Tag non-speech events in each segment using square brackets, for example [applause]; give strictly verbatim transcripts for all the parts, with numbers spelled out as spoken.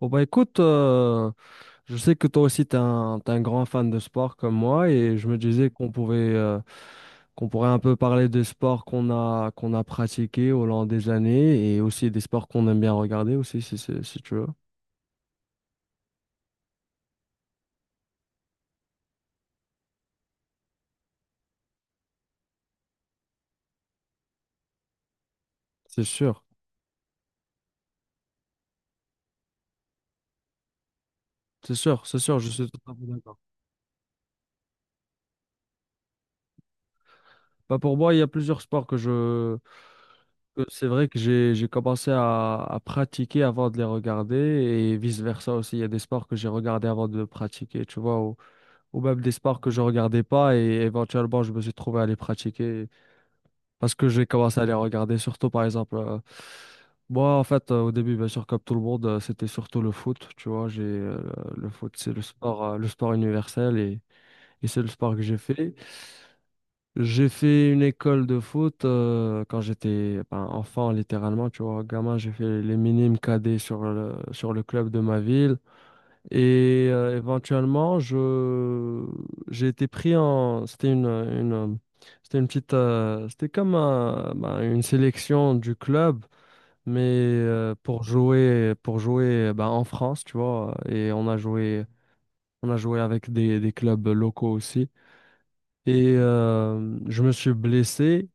Bon bah écoute, euh, je sais que toi aussi t'es un, t'es un grand fan de sport comme moi et je me disais qu'on pouvait euh, qu'on pourrait un peu parler des sports qu'on a qu'on a pratiqués au long des années et aussi des sports qu'on aime bien regarder aussi si, si, si tu veux. C'est sûr, c'est sûr, c'est sûr, je suis tout à fait d'accord. Bah pour moi, il y a plusieurs sports que je que c'est vrai que j'ai j'ai commencé à, à pratiquer avant de les regarder et vice versa aussi. Il y a des sports que j'ai regardés avant de les pratiquer, tu vois. Ou même des sports que je regardais pas et éventuellement je me suis trouvé à les pratiquer parce que j'ai commencé à les regarder surtout par exemple euh, moi en fait euh, au début bien sûr comme tout le monde euh, c'était surtout le foot, tu vois. J'ai euh, le foot, c'est le sport euh, le sport universel, et, et c'est le sport que j'ai fait J'ai fait une école de foot euh, quand j'étais, ben, enfant, littéralement, tu vois, gamin. J'ai fait les minimes cadets sur le sur le club de ma ville et euh, éventuellement, je j'ai été pris en. C'était une, une, c'était une petite, euh, c'était comme un- ben, une sélection du club, mais euh, pour jouer, pour jouer ben, en France, tu vois. Et on a joué, on a joué avec des, des clubs locaux aussi. Et euh, je me suis blessé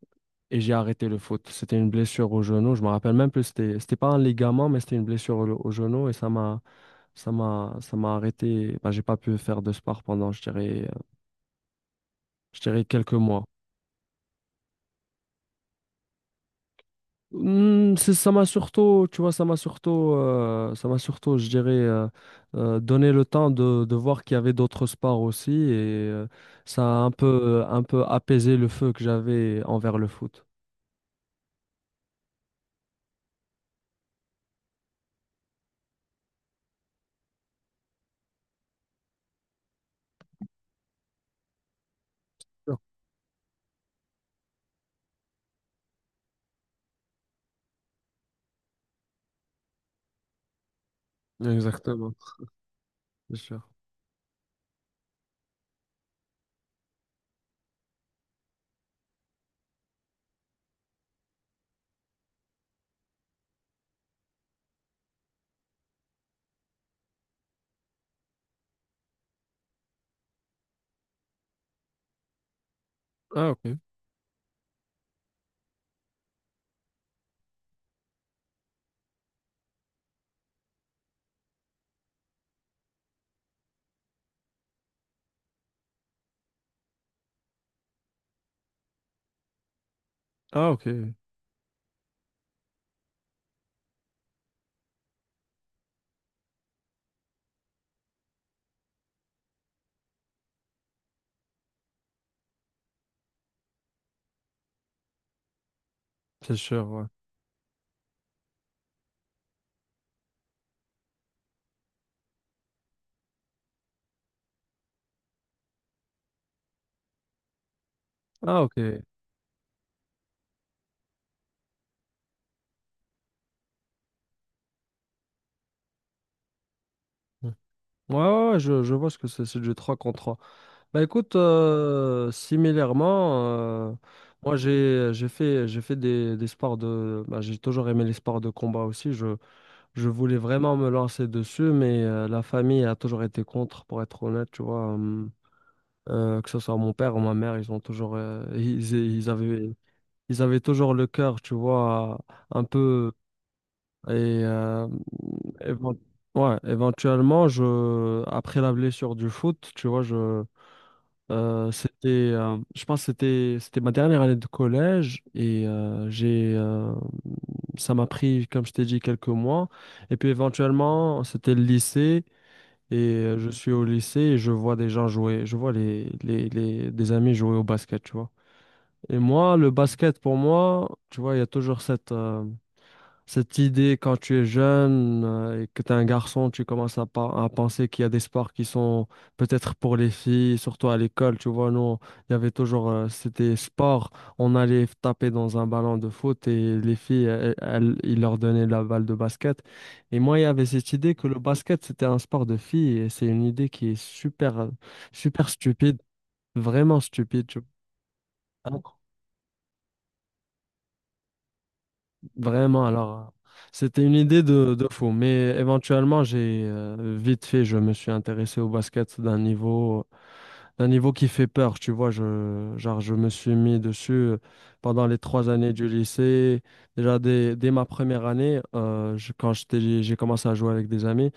et j'ai arrêté le foot. C'était une blessure au genou. Je me rappelle même plus. C'était, c'était pas un ligament, mais c'était une blessure au, au genou, et ça m'a. Ça m'a, ça m'a arrêté. Bah, j'ai pas pu faire de sport pendant, je dirais, euh, je dirais quelques mois. Hmm, c'est- ça m'a surtout, tu vois, ça m'a surtout, euh, ça m'a surtout, je dirais, euh, euh, donné le temps de, de voir qu'il y avait d'autres sports aussi, et euh, ça a un peu, un peu apaisé le feu que j'avais envers le foot. Sûr. Exactement, c'est sûr. Ah, ok. Ah, ok. C'est sûr, ouais. Ah, ok. Ouais, ouais, ouais, je, je vois ce que c'est, c'est du trois contre trois. Bah écoute, euh, similairement, euh, moi j'ai j'ai fait j'ai fait des, des sports de bah, j'ai toujours aimé les sports de combat aussi. Je je voulais vraiment me lancer dessus, mais euh, la famille a toujours été contre, pour être honnête, tu vois. hum, euh, que ce soit mon père ou ma mère, ils ont toujours euh, ils, ils avaient, ils avaient toujours le cœur, tu vois, un peu. Et euh, évent- ouais, éventuellement, je après la blessure du foot, tu vois, je euh, c'était, euh, je pense que c'était, c'était ma dernière année de collège, et euh, j'ai, euh, ça m'a pris, comme je t'ai dit, quelques mois. Et puis éventuellement, c'était le lycée, et euh, je suis au lycée et je vois des gens jouer, je vois les, les, les- des amis jouer au basket, tu vois. Et moi, le basket, pour moi, tu vois, il y a toujours cette, euh, cette idée, quand tu es jeune euh, et que tu es un garçon, tu commences à, pa- à penser qu'il y a des sports qui sont peut-être pour les filles, surtout à l'école. Tu vois, nous, il y avait toujours, euh, c'était sport. On allait taper dans un ballon de foot et les filles, elles- elles- ils leur donnaient la balle de basket. Et moi, il y avait cette idée que le basket, c'était un sport de filles, et c'est une idée qui est super, euh, super stupide, vraiment stupide, tu vois. Vraiment, alors, c'était une idée de, de fou, mais éventuellement, j'ai euh, vite fait, je me suis intéressé au basket d'un niveau, d'un niveau qui fait peur, tu vois. Je, genre, je me suis mis dessus euh, pendant les trois années du lycée. Déjà, dès, dès ma première année, euh, je- quand j'étais, j'ai commencé à jouer avec des amis.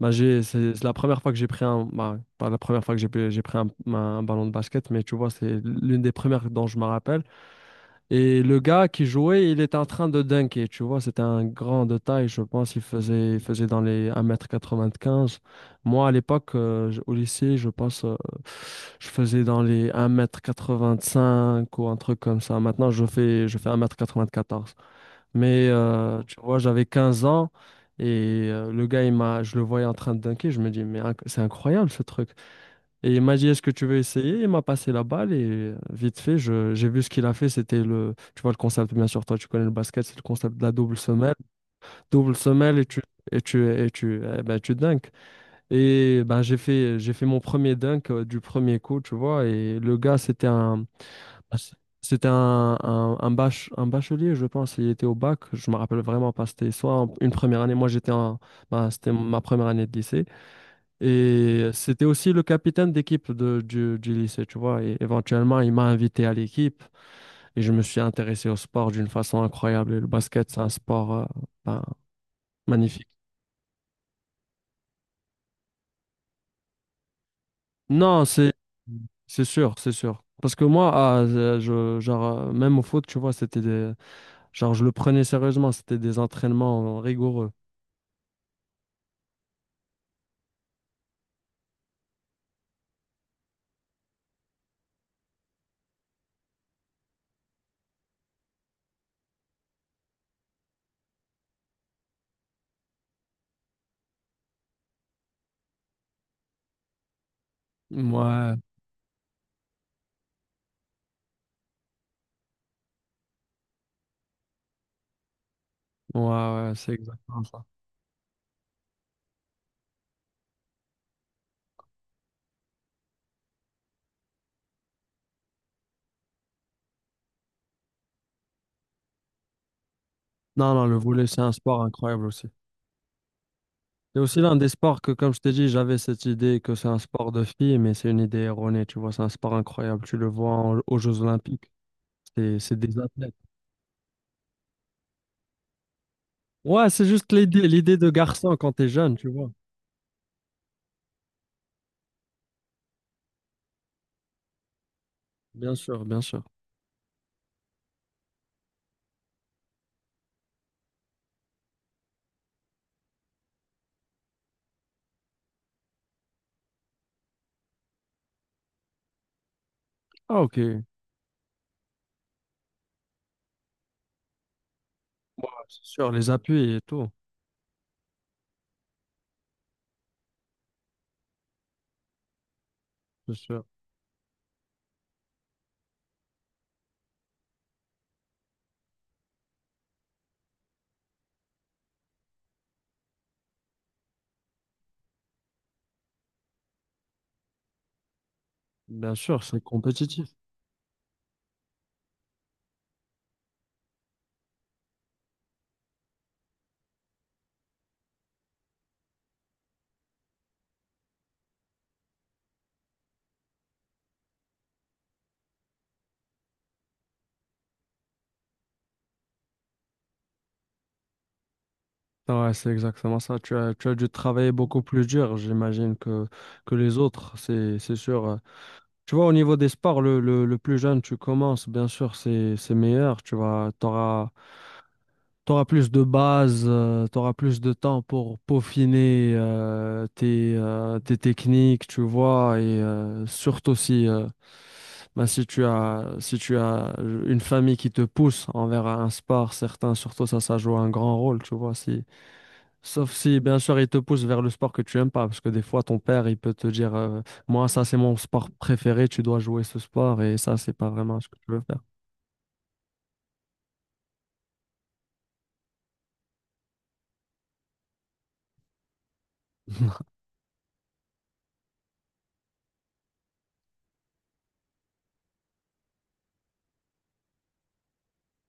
Bah, j'ai, c'est c'est la première fois que j'ai pris un, bah, pas la première fois que j'ai, j'ai pris un, un ballon de basket, mais tu vois, c'est l'une des premières dont je me rappelle. Et le gars qui jouait, il était en train de dunker, tu vois, c'était un grand de taille, je pense, il faisait, il faisait dans les un mètre quatre-vingt-quinze. Moi, à l'époque, euh, je- au lycée, je pense, euh, je faisais dans les un mètre quatre-vingt-cinq ou un truc comme ça. Maintenant, je fais, je fais un mètre quatre-vingt-quatorze. Mais, euh, tu vois, j'avais quinze ans, et euh, le gars, il m'a, je le voyais en train de dunker, je me dis, mais inc- c'est incroyable, ce truc. Et il m'a dit, est-ce que tu veux essayer? Il m'a passé la balle, et euh, vite fait, je, j'ai vu ce qu'il a fait. C'était le, tu vois, le concept, bien sûr, toi, tu connais le basket, c'est le concept de la double semelle. Double semelle, et tu, et tu, et tu, eh ben, tu dunks. Et ben, j'ai fait, j'ai fait mon premier dunk euh, du premier coup, tu vois. Et le gars, c'était un, c'était un, un, un, bach- un bachelier, je pense. Il était au bac, je me rappelle vraiment pas. C'était soit en- une première année, moi, j'étais en, ben, c'était ma première année de lycée. Et c'était aussi le capitaine d'équipe de- du, du lycée, tu vois. Et éventuellement, il m'a invité à l'équipe, et je me suis intéressé au sport d'une façon incroyable. Et le basket, c'est un sport, euh, ben, magnifique. Non, c'est c'est sûr, c'est sûr. Parce que moi, ah, euh, je, genre, euh, même au foot, tu vois, c'était des, genre, je le prenais sérieusement. C'était des entraînements rigoureux. Ouais, ouais, ouais, c'est exactement ça. Non, non, le volley, c'est un sport incroyable aussi. C'est aussi l'un des sports que, comme je t'ai dit, j'avais cette idée que c'est un sport de filles, mais c'est une idée erronée. Tu vois, c'est un sport incroyable. Tu le vois en- aux Jeux Olympiques. C'est, c'est des athlètes. Ouais, c'est juste l'idée, l'idée de garçon quand t'es jeune, tu vois. Bien sûr, bien sûr. Ah, ok. Ouais, c'est sûr, les appuis et tout. C'est sûr. Bien sûr, c'est compétitif. Ouais, c'est exactement ça. Tu as, tu as dû travailler beaucoup plus dur, j'imagine, que, que les autres. C'est, c'est sûr. euh, Tu vois, au niveau des sports, le, le, le plus jeune tu commences, bien sûr, c'est, c'est meilleur. Tu vois, t'auras, t'auras plus de bases, euh, t'auras plus de temps pour peaufiner euh, tes, euh, tes techniques, tu vois, et euh, surtout si, euh, ben, si tu as, si tu as une famille qui te pousse envers un sport certain, surtout ça, ça joue un grand rôle, tu vois. Si, sauf si, bien sûr, il te pousse vers le sport que tu aimes pas, parce que des fois, ton père, il peut te dire, euh, moi, ça, c'est mon sport préféré, tu dois jouer ce sport, et ça, c'est pas vraiment ce que tu veux faire. [laughs]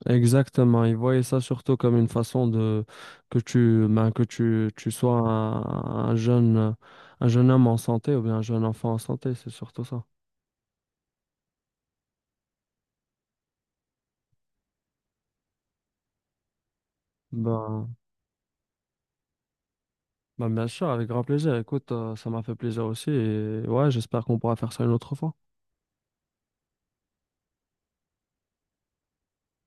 Exactement, ils voyaient ça surtout comme une façon de que tu ben, que tu, tu sois un, un jeune un jeune homme en santé, ou bien un jeune enfant en santé, c'est surtout ça. Ben, ben bien sûr, avec grand plaisir. Écoute, euh, ça m'a fait plaisir aussi, et ouais, j'espère qu'on pourra faire ça une autre fois.